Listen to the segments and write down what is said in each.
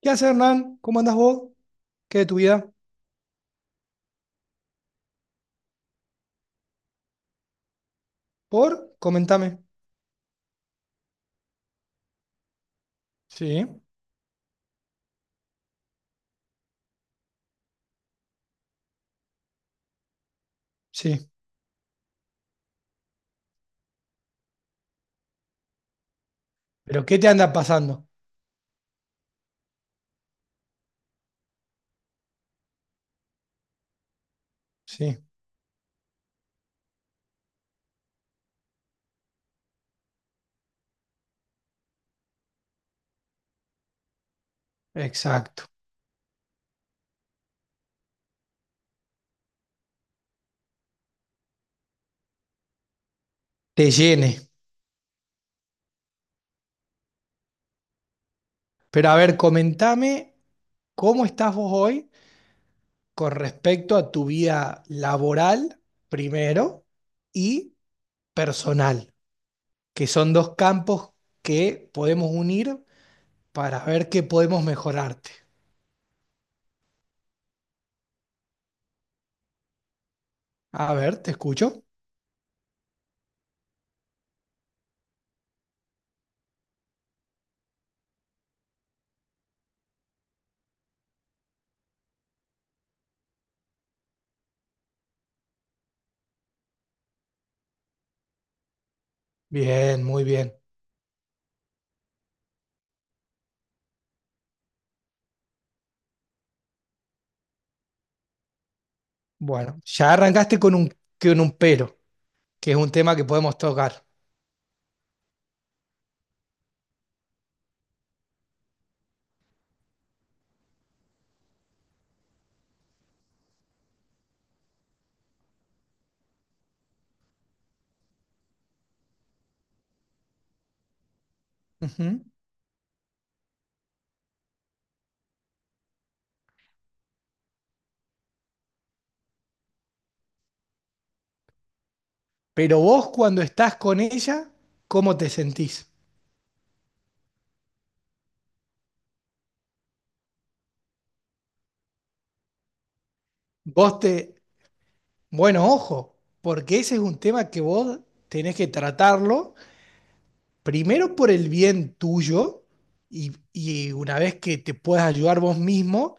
¿Qué haces, Hernán? ¿Cómo andás vos? ¿Qué de tu vida? ¿Por? Comentame. Sí, sí. ¿Pero qué te anda pasando? Sí, exacto. Te llene. Pero a ver, comentame cómo estás vos hoy con respecto a tu vida laboral, primero, y personal, que son dos campos que podemos unir para ver qué podemos mejorarte. A ver, te escucho. Bien, muy bien. Bueno, ya arrancaste con un pero, que es un tema que podemos tocar. Ujú. Pero vos cuando estás con ella, ¿cómo te sentís? Vos te... Bueno, ojo, porque ese es un tema que vos tenés que tratarlo, primero por el bien tuyo, y una vez que te puedas ayudar vos mismo,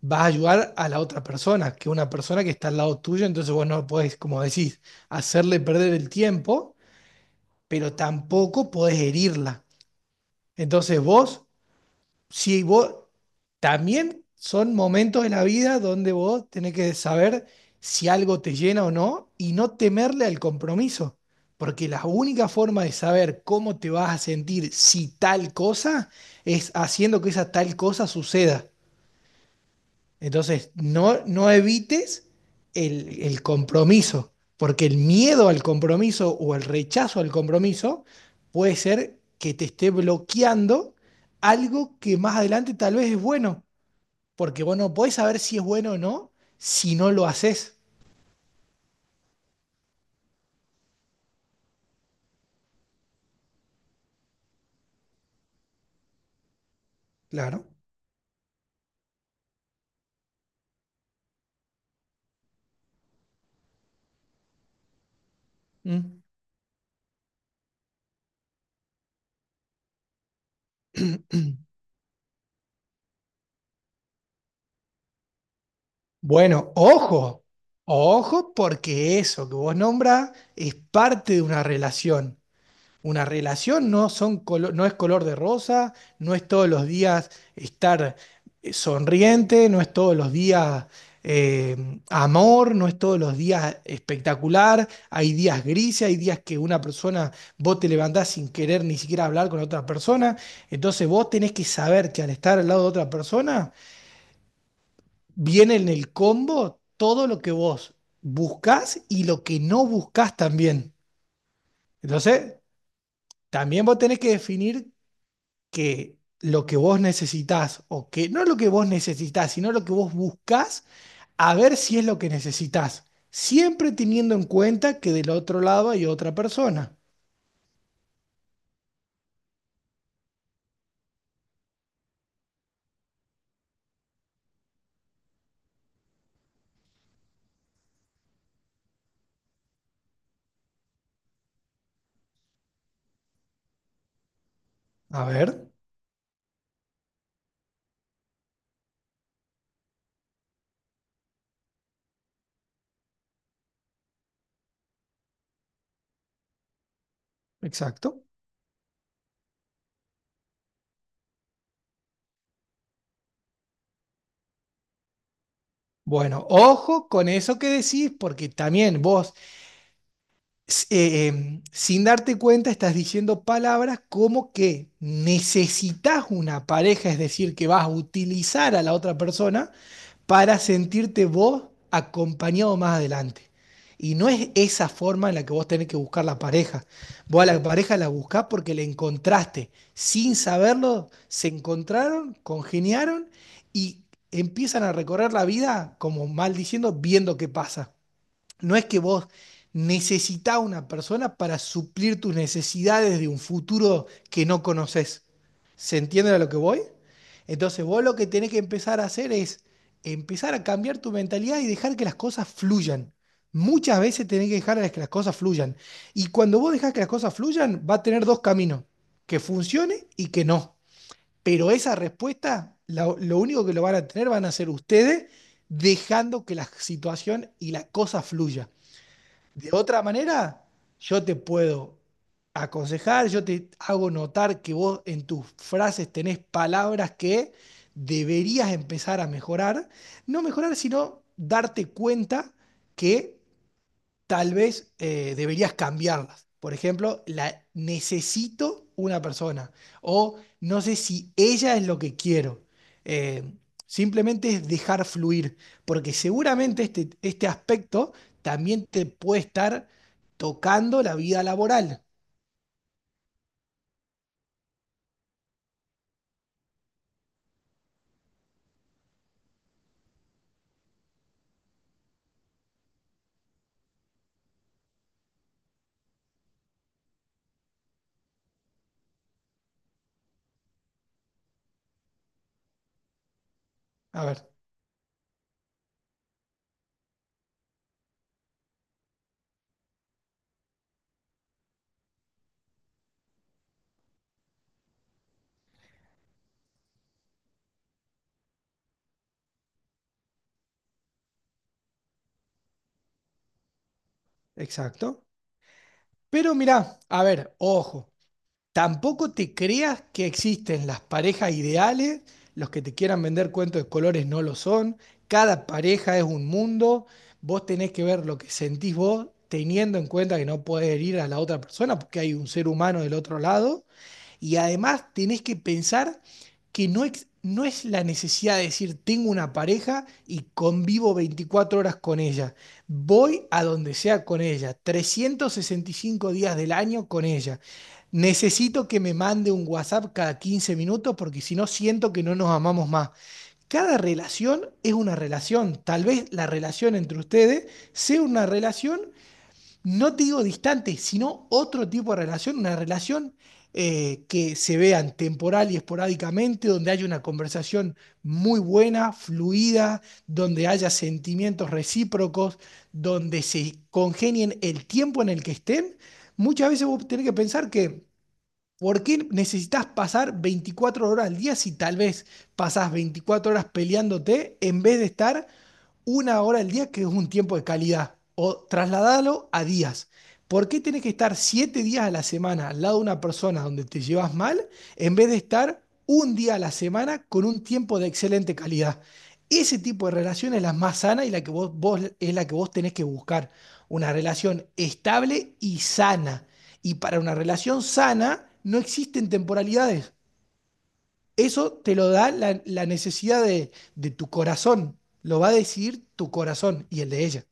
vas a ayudar a la otra persona, que es una persona que está al lado tuyo. Entonces vos no podés, como decís, hacerle perder el tiempo, pero tampoco podés herirla. Entonces vos si vos también, son momentos de la vida donde vos tenés que saber si algo te llena o no y no temerle al compromiso, porque la única forma de saber cómo te vas a sentir si tal cosa es haciendo que esa tal cosa suceda. Entonces, no, no evites el compromiso, porque el miedo al compromiso o el rechazo al compromiso puede ser que te esté bloqueando algo que más adelante tal vez es bueno, porque vos no podés saber si es bueno o no si no lo haces. Claro. Mm. Bueno, ojo, ojo, porque eso que vos nombras es parte de una relación. Una relación no, no es color de rosa, no es todos los días estar sonriente, no es todos los días eh, amor, no es todos los días espectacular. Hay días grises, hay días que una persona, vos te levantás sin querer ni siquiera hablar con otra persona. Entonces vos tenés que saber que al estar al lado de otra persona, viene en el combo todo lo que vos buscás y lo que no buscás también. Entonces, también vos tenés que definir que lo que vos necesitás, o que no lo que vos necesitás, sino lo que vos buscás, a ver si es lo que necesitás, siempre teniendo en cuenta que del otro lado hay otra persona. A ver, exacto. Bueno, ojo con eso que decís, porque también vos, sin darte cuenta, estás diciendo palabras como que necesitas una pareja, es decir, que vas a utilizar a la otra persona para sentirte vos acompañado más adelante. Y no es esa forma en la que vos tenés que buscar la pareja. Vos a la pareja la buscás porque la encontraste. Sin saberlo, se encontraron, congeniaron y empiezan a recorrer la vida como mal diciendo, viendo qué pasa. No es que vos necesitás una persona para suplir tus necesidades de un futuro que no conoces. ¿Se entiende a lo que voy? Entonces vos lo que tenés que empezar a hacer es empezar a cambiar tu mentalidad y dejar que las cosas fluyan. Muchas veces tenés que dejar a que las cosas fluyan. Y cuando vos dejás que las cosas fluyan, va a tener dos caminos, que funcione y que no. Pero esa respuesta, lo único que lo van a tener van a ser ustedes dejando que la situación y la cosa fluya. De otra manera, yo te puedo aconsejar, yo te hago notar que vos en tus frases tenés palabras que deberías empezar a mejorar. No mejorar, sino darte cuenta que tal vez deberías cambiarlas. Por ejemplo, la necesito una persona o no sé si ella es lo que quiero. Eh, simplemente es dejar fluir, porque seguramente este aspecto también te puede estar tocando la vida laboral. A ver, exacto. Pero mirá, a ver, ojo. Tampoco te creas que existen las parejas ideales, los que te quieran vender cuentos de colores no lo son, cada pareja es un mundo, vos tenés que ver lo que sentís vos teniendo en cuenta que no puedes herir a la otra persona porque hay un ser humano del otro lado y además tenés que pensar que no, no es la necesidad de decir, tengo una pareja y convivo 24 horas con ella. Voy a donde sea con ella, 365 días del año con ella. Necesito que me mande un WhatsApp cada 15 minutos porque si no siento que no nos amamos más. Cada relación es una relación. Tal vez la relación entre ustedes sea una relación, no te digo distante, sino otro tipo de relación, una relación que se vean temporal y esporádicamente, donde haya una conversación muy buena, fluida, donde haya sentimientos recíprocos, donde se congenien el tiempo en el que estén. Muchas veces vos tenés que pensar que, ¿por qué necesitas pasar 24 horas al día si tal vez pasás 24 horas peleándote en vez de estar una hora al día, que es un tiempo de calidad, o trasladarlo a días? ¿Por qué tenés que estar 7 días a la semana al lado de una persona donde te llevas mal, en vez de estar un día a la semana con un tiempo de excelente calidad? Ese tipo de relación es la más sana y la que es la que vos tenés que buscar. Una relación estable y sana. Y para una relación sana no existen temporalidades. Eso te lo da la necesidad de tu corazón. Lo va a decir tu corazón y el de ella.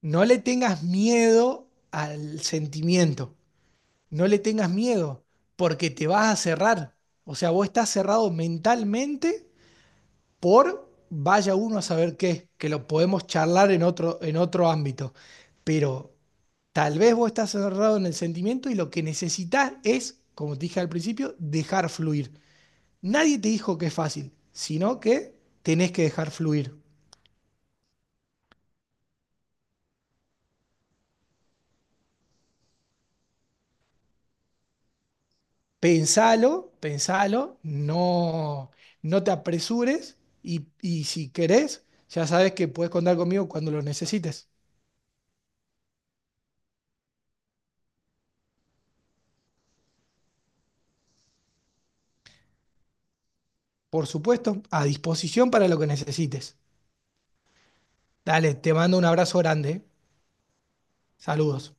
No le tengas miedo al sentimiento. No le tengas miedo porque te vas a cerrar. O sea, vos estás cerrado mentalmente por vaya uno a saber qué, que lo podemos charlar en otro ámbito. Pero tal vez vos estás cerrado en el sentimiento y lo que necesitas es, como te dije al principio, dejar fluir. Nadie te dijo que es fácil, sino que tenés que dejar fluir. Pensalo, pensalo, no, no te apresures y si querés, ya sabes que puedes contar conmigo cuando lo necesites. Por supuesto, a disposición para lo que necesites. Dale, te mando un abrazo grande. ¿Eh? Saludos.